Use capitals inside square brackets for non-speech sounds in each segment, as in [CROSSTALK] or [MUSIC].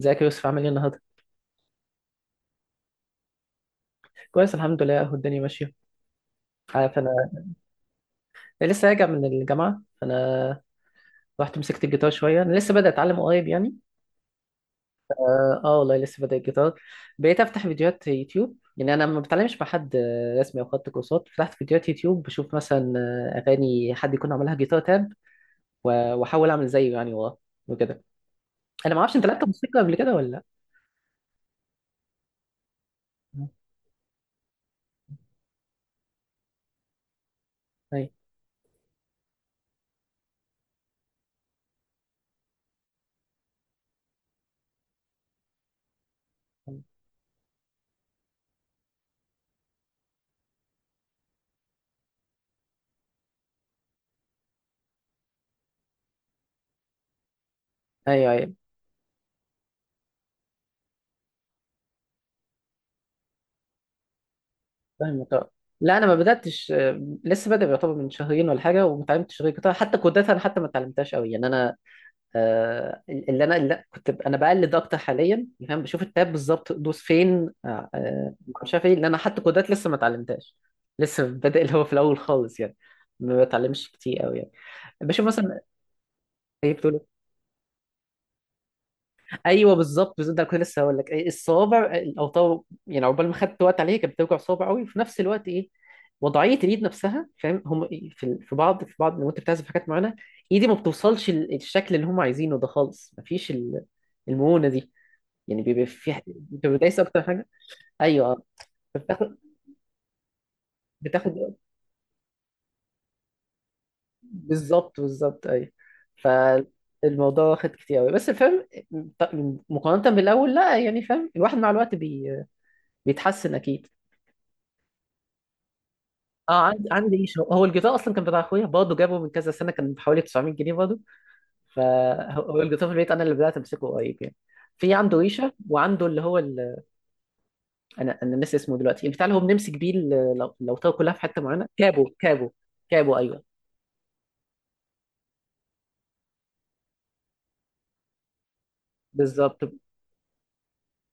ازيك يا يوسف؟ عامل ايه النهارده؟ كويس الحمد لله اهو الدنيا ماشيه. عارف انا لسه راجع من الجامعه فانا رحت مسكت الجيتار شويه. انا لسه بدأت اتعلم قريب يعني. اه آه والله لسه بدأت الجيتار. بقيت افتح فيديوهات يوتيوب. يعني انا ما بتعلمش مع حد رسمي او خدت كورسات. فتحت فيديوهات يوتيوب بشوف مثلا اغاني حد يكون عملها جيتار تاب واحاول اعمل زيه يعني وراه وكده. انا ما اعرفش انت لعبت موسيقى قبل كده ولا لا؟ ايوه، ايوه، أيوه. فاهمك، اه. لا انا ما بداتش، لسه بادئ يعتبر من شهرين ولا حاجه، وما اتعلمتش غير جيتار. حتى كودات انا حتى ما اتعلمتهاش قوي يعني انا. اللي انا انا بقلد اكتر حاليا يعني، فاهم؟ بشوف التاب بالظبط دوس فين. مش عارف ايه، لان انا حتى كودات لسه ما اتعلمتهاش. لسه بادئ اللي هو في الاول خالص يعني. ما بتعلمش كتير قوي يعني. بشوف مثلا. ايه بتقول؟ ايوه بالظبط بالظبط. ده كنت لسه هقول لك الصوابع، الاوطار يعني. عقبال ما خدت وقت عليها كانت بتوجع صوابع قوي، وفي نفس الوقت ايه، وضعيه اليد نفسها. فاهم هم في بعض لو انت بتعزف حاجات معينه ايدي ما بتوصلش الشكل اللي هم عايزينه ده خالص. مفيش المونه دي يعني، بيبقى في. انت بتدايس اكتر حاجه. ايوه آه. بتاخد بتاخد بالظبط بالظبط ايوه. فالموضوع واخد كتير قوي، بس فاهم مقارنه بالاول لا يعني. فاهم الواحد مع الوقت بيتحسن اكيد. اه عندي، عندي ايش هو. هو الجيتار اصلا كان بتاع اخويا برضه، جابه من كذا سنه، كان بحوالي 900 جنيه برضه. فهو الجيتار في البيت، انا اللي بدات امسكه قريب يعني. في عنده ريشه وعنده اللي هو انا انا ناسي اسمه دلوقتي. البتاع اللي هو بنمسك بيه لو طار كلها في حته معينه. كابو كابو ايوه. بالظبط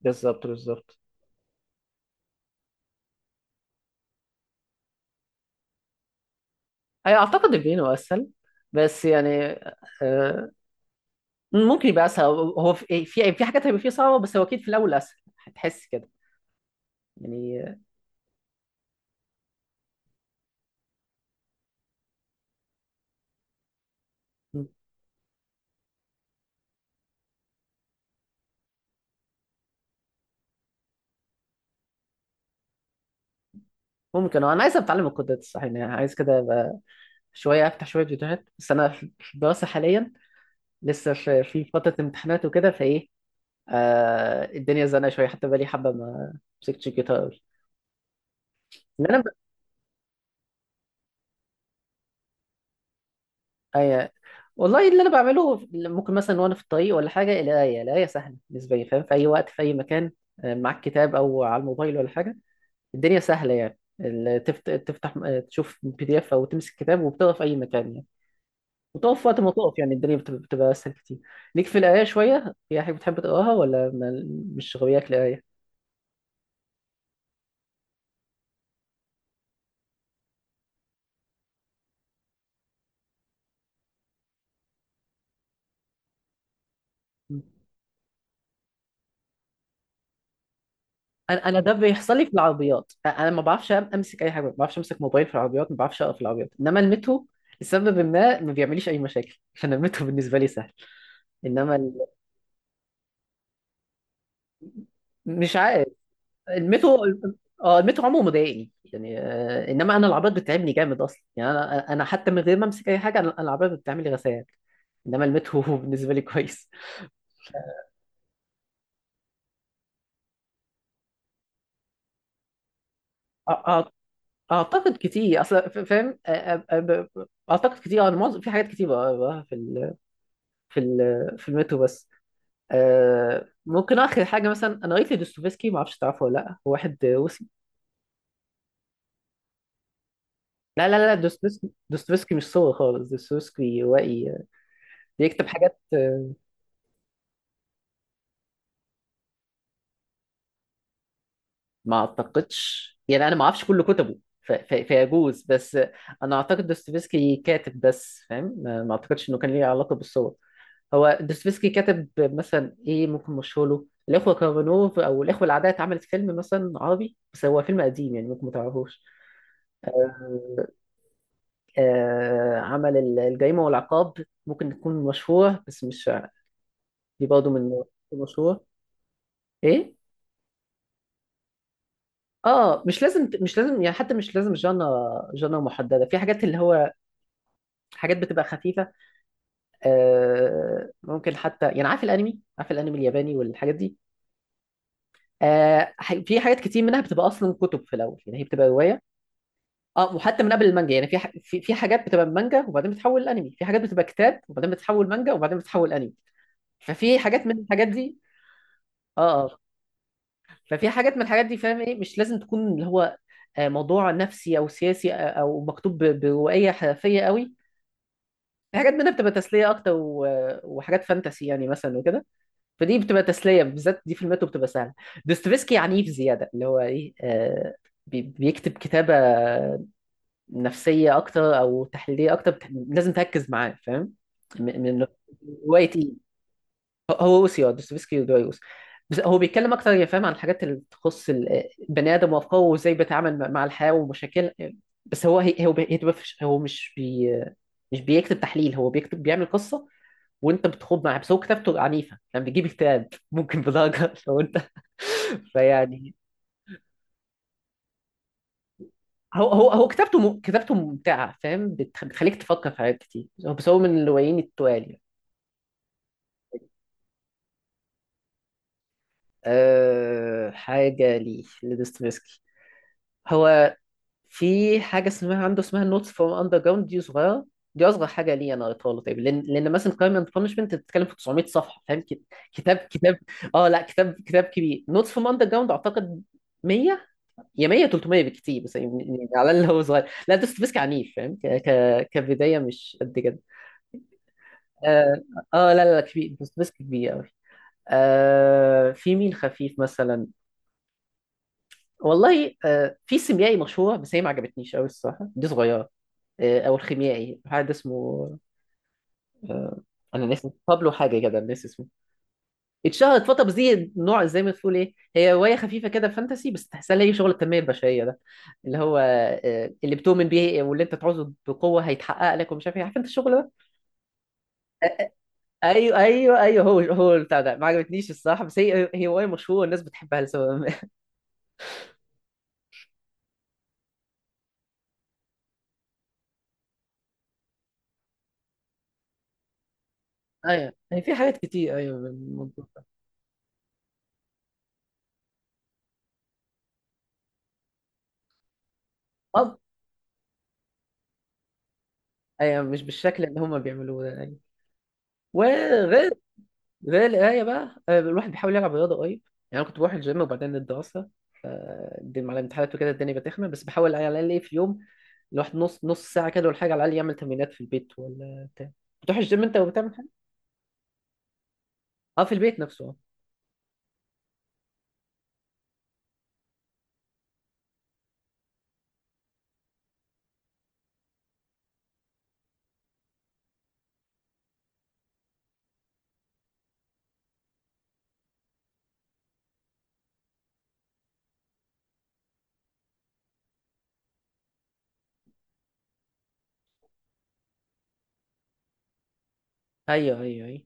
بالظبط ايوه. اعتقد البينو اسهل، بس يعني آه، ممكن يبقى اسهل. هو في في حاجات هيبقى فيه صعبه، بس هو اكيد في الاول اسهل، هتحس كده يعني. ممكن. انا عايز اتعلم القدرات الصح يعني، عايز كده شويه افتح شويه فيديوهات. بس انا في الدراسه حاليا، لسه في فتره امتحانات وكده، فايه آه الدنيا زنقه شويه، حتى بقالي حبه ما مسكتش الجيتار قوي. اللي انا ب... آه والله اللي انا بعمله، ممكن مثلا وانا في الطريق ولا حاجه، القرايه، القرايه سهله بالنسبه لي فاهم، في اي وقت في اي مكان، معاك كتاب او على الموبايل ولا حاجه، الدنيا سهله يعني. تفتح تشوف بي دي اف او تمسك كتاب وبتقرا في اي مكان يعني، وتقف وقت ما تقف يعني. الدنيا بتبقى اسهل كتير. ليك في القرايه شويه؟ في حاجه بتحب تقراها ولا مش غوياك القرايه؟ انا ده بيحصل لي في العربيات. انا ما بعرفش امسك اي حاجه، ما بعرفش امسك موبايل في العربيات، ما بعرفش اقرا في العربيات. انما المترو لسبب ما، ما بيعمليش اي مشاكل، عشان المترو بالنسبه لي سهل. انما ال- مش عارف. المترو اه، المترو عمره ما ضايقني يعني انما انا العربيات بتتعبني جامد اصلا يعني. انا انا حتى من غير ما امسك اي حاجه، أنا العربيات بتعمل لي غثيان. انما المترو [LAUGHS] بالنسبه لي كويس. اعتقد كتير اصل، فاهم اعتقد كتير. انا معظم في حاجات كتير بقراها في ال... في المترو بس. أه ممكن اخر حاجه مثلا، انا قريت لدوستويفسكي، ما اعرفش تعرفه ولا لا، هو واحد روسي. لا لا لا، دوستويفسكي، دوستويفسكي مش صور خالص. دوستويفسكي روائي بيكتب حاجات. ما اعتقدش يعني، انا ما اعرفش كل كتبه فيجوز، بس انا اعتقد دوستويفسكي كاتب بس فاهم. ما ما اعتقدش انه كان ليه علاقه بالصور. هو دوستويفسكي كاتب. مثلا ايه ممكن مشهور له؟ الاخوه كارامازوف، او الاخوه العادية، اتعملت فيلم مثلا عربي، بس هو فيلم قديم يعني، ممكن ما تعرفوش. آه عمل الجريمه والعقاب، ممكن تكون مشهوره، بس مش دي برضه من مشهوره. ايه؟ اه مش لازم، مش لازم يعني، حتى مش لازم جانا محدده في حاجات اللي هو حاجات بتبقى خفيفة. ممكن حتى يعني، عارف الأنمي؟ عارف الأنمي الياباني والحاجات دي؟ في حاجات كتير منها بتبقى أصلا كتب في الأول يعني، هي بتبقى رواية. اه، وحتى من قبل المانجا يعني، في في حاجات بتبقى من مانجا وبعدين بتتحول لأنمي، في حاجات بتبقى كتاب وبعدين بتتحول مانجا وبعدين بتتحول أنمي. ففي حاجات من الحاجات دي. اه، ففي حاجات من الحاجات دي فاهم، ايه مش لازم تكون اللي هو موضوع نفسي أو سياسي، أو مكتوب بروائية حرفية قوي. في حاجات منها بتبقى تسلية أكتر وحاجات فانتسي يعني مثلا وكده، فدي بتبقى تسليه. بالذات دي في الماتو بتبقى سهله. دوستويفسكي عنيف زياده. اللي هو ايه بيكتب كتابه نفسيه اكتر او تحليليه اكتر، لازم تركز معاه فاهم. من روايه ايه. هو اوسيو دوستويفسكي ودويوس. بس هو بيتكلم اكتر يا فاهم عن الحاجات اللي تخص البني ادم، وافكاره، وازاي بيتعامل مع الحياه ومشاكل. بس هو هي- هو بي- هي تبقى فيش- هو مش بي مش بيكتب تحليل، هو بيكتب بيعمل قصه وانت بتخوض معاه. بس هو كتابته عنيفه يعني، بيجيب اكتئاب ممكن بدرجه [LAUGHS] لو انت فيعني. هو كتابته كتابته ممتعه فاهم، بتخليك تفكر في حاجات كتير. بس هو من الروايين التوالي. أه... حاجه ليه لدوستويفسكي. هو في حاجه اسمها عنده اسمها نوتس فروم اندر جراوند، دي صغيره، دي اصغر حاجه لي انا قريتها له. طيب لان مثلا كرايم اند بانشمنت بتتكلم في 900 صفحه فاهم. كتاب. اه لا، كتاب كبير. نوتس فروم اندر جراوند اعتقد 100، يا 100 300 بالكتير، بس يعني يعني على اللي هو صغير لا، دوست بيسك عنيف فاهم، كبدايه مش قد كده. اه لا لا لا كبير، دوست بيسك كبير قوي. آه في مين خفيف مثلا؟ والله آه في سيميائي مشهور، بس هي ما عجبتنيش قوي الصراحه، دي صغيره. آه، او الخيميائي حد اسمه. آه انا ناسي بابلو حاجه كده، ناسي اسمه. اتشهرت فتره، بس دي نوع زي ما تقول ايه، هي روايه خفيفه كده فانتسي، بس تحسها ليه شغل التنميه البشريه ده، اللي هو اللي بتؤمن بيه واللي انت تعوزه بقوه هيتحقق لك ومش عارف ايه، عارف انت الشغل ده. ايوه ايوه ايوه هو هو البتاع ده ما عجبتنيش الصراحه بس هي هي روايه مشهوره والناس بتحبها لسبب ما [LAUGHS] ايوه هي في حاجات كتير ايوه من الموضوع ده. اه ايوه مش بالشكل اللي هم بيعملوه ده ايوه وغير زي القراية بقى آه، الواحد بيحاول يلعب رياضة قريب يعني. أنا كنت بروح الجيم وبعدين الدراسة، فالدين على الامتحانات وكده الدنيا بتخمة، بس بحاول على الأقل إيه، في يوم الواحد نص ساعة كده ولا حاجة على الأقل يعمل تمرينات في البيت ولا بتاع. بتروح الجيم أنت وبتعمل حاجة؟ أه في البيت نفسه أه. أيوه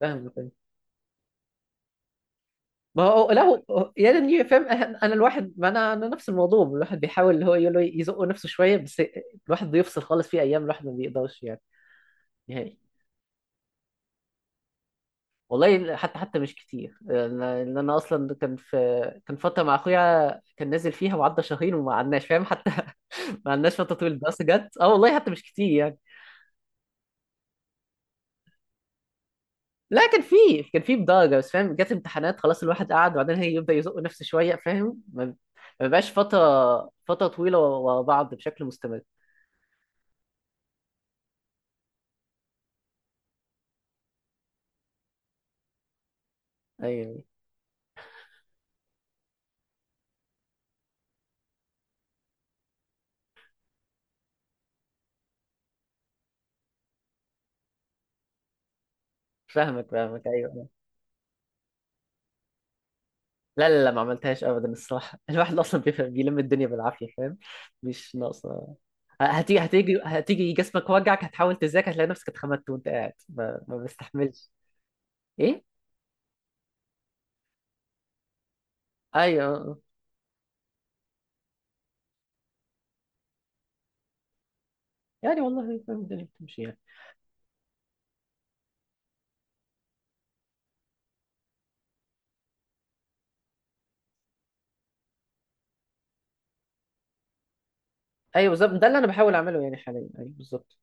فاهمك أيوه. ما هو لا، هو يا ريتني فاهم. أنا الواحد ما، أنا نفس الموضوع. الواحد بيحاول اللي هو يقول له يزق نفسه شوية، بس الواحد بيفصل خالص في أيام، الواحد ما بيقدرش يعني نهائي. والله حتى مش كتير انا. إن أنا اصلا كان في، كان فتره مع اخويا كان نازل فيها وعدى شهرين وما عدناش فاهم حتى [LAUGHS] ما عدناش فتره طويله. بس جت اه والله حتى مش كتير يعني. لا كان في، كان في بدرجه بس فاهم، جت امتحانات خلاص الواحد قعد، وبعدين هي يبدا يزق نفسه شويه فاهم ما، ما بقاش فتره طويله ورا بعض بشكل مستمر. ايوه فاهمك فاهمك ايوه. لا لا لا ما عملتهاش ابدا الصراحه [LAUGHS] الواحد اصلا بيفهم بيلم الدنيا بالعافيه فاهم، مش ناقصه. هتيجي جسمك وجعك، هتحاول تذاكر هتلاقي نفسك اتخمدت وانت قاعد ما بستحملش. ايه ايوه آه، آه. يعني والله فاهم الدنيا بتمشي يعني. ايوه بالظبط، ده اللي انا بحاول اعمله يعني حاليا، ايوه بالظبط.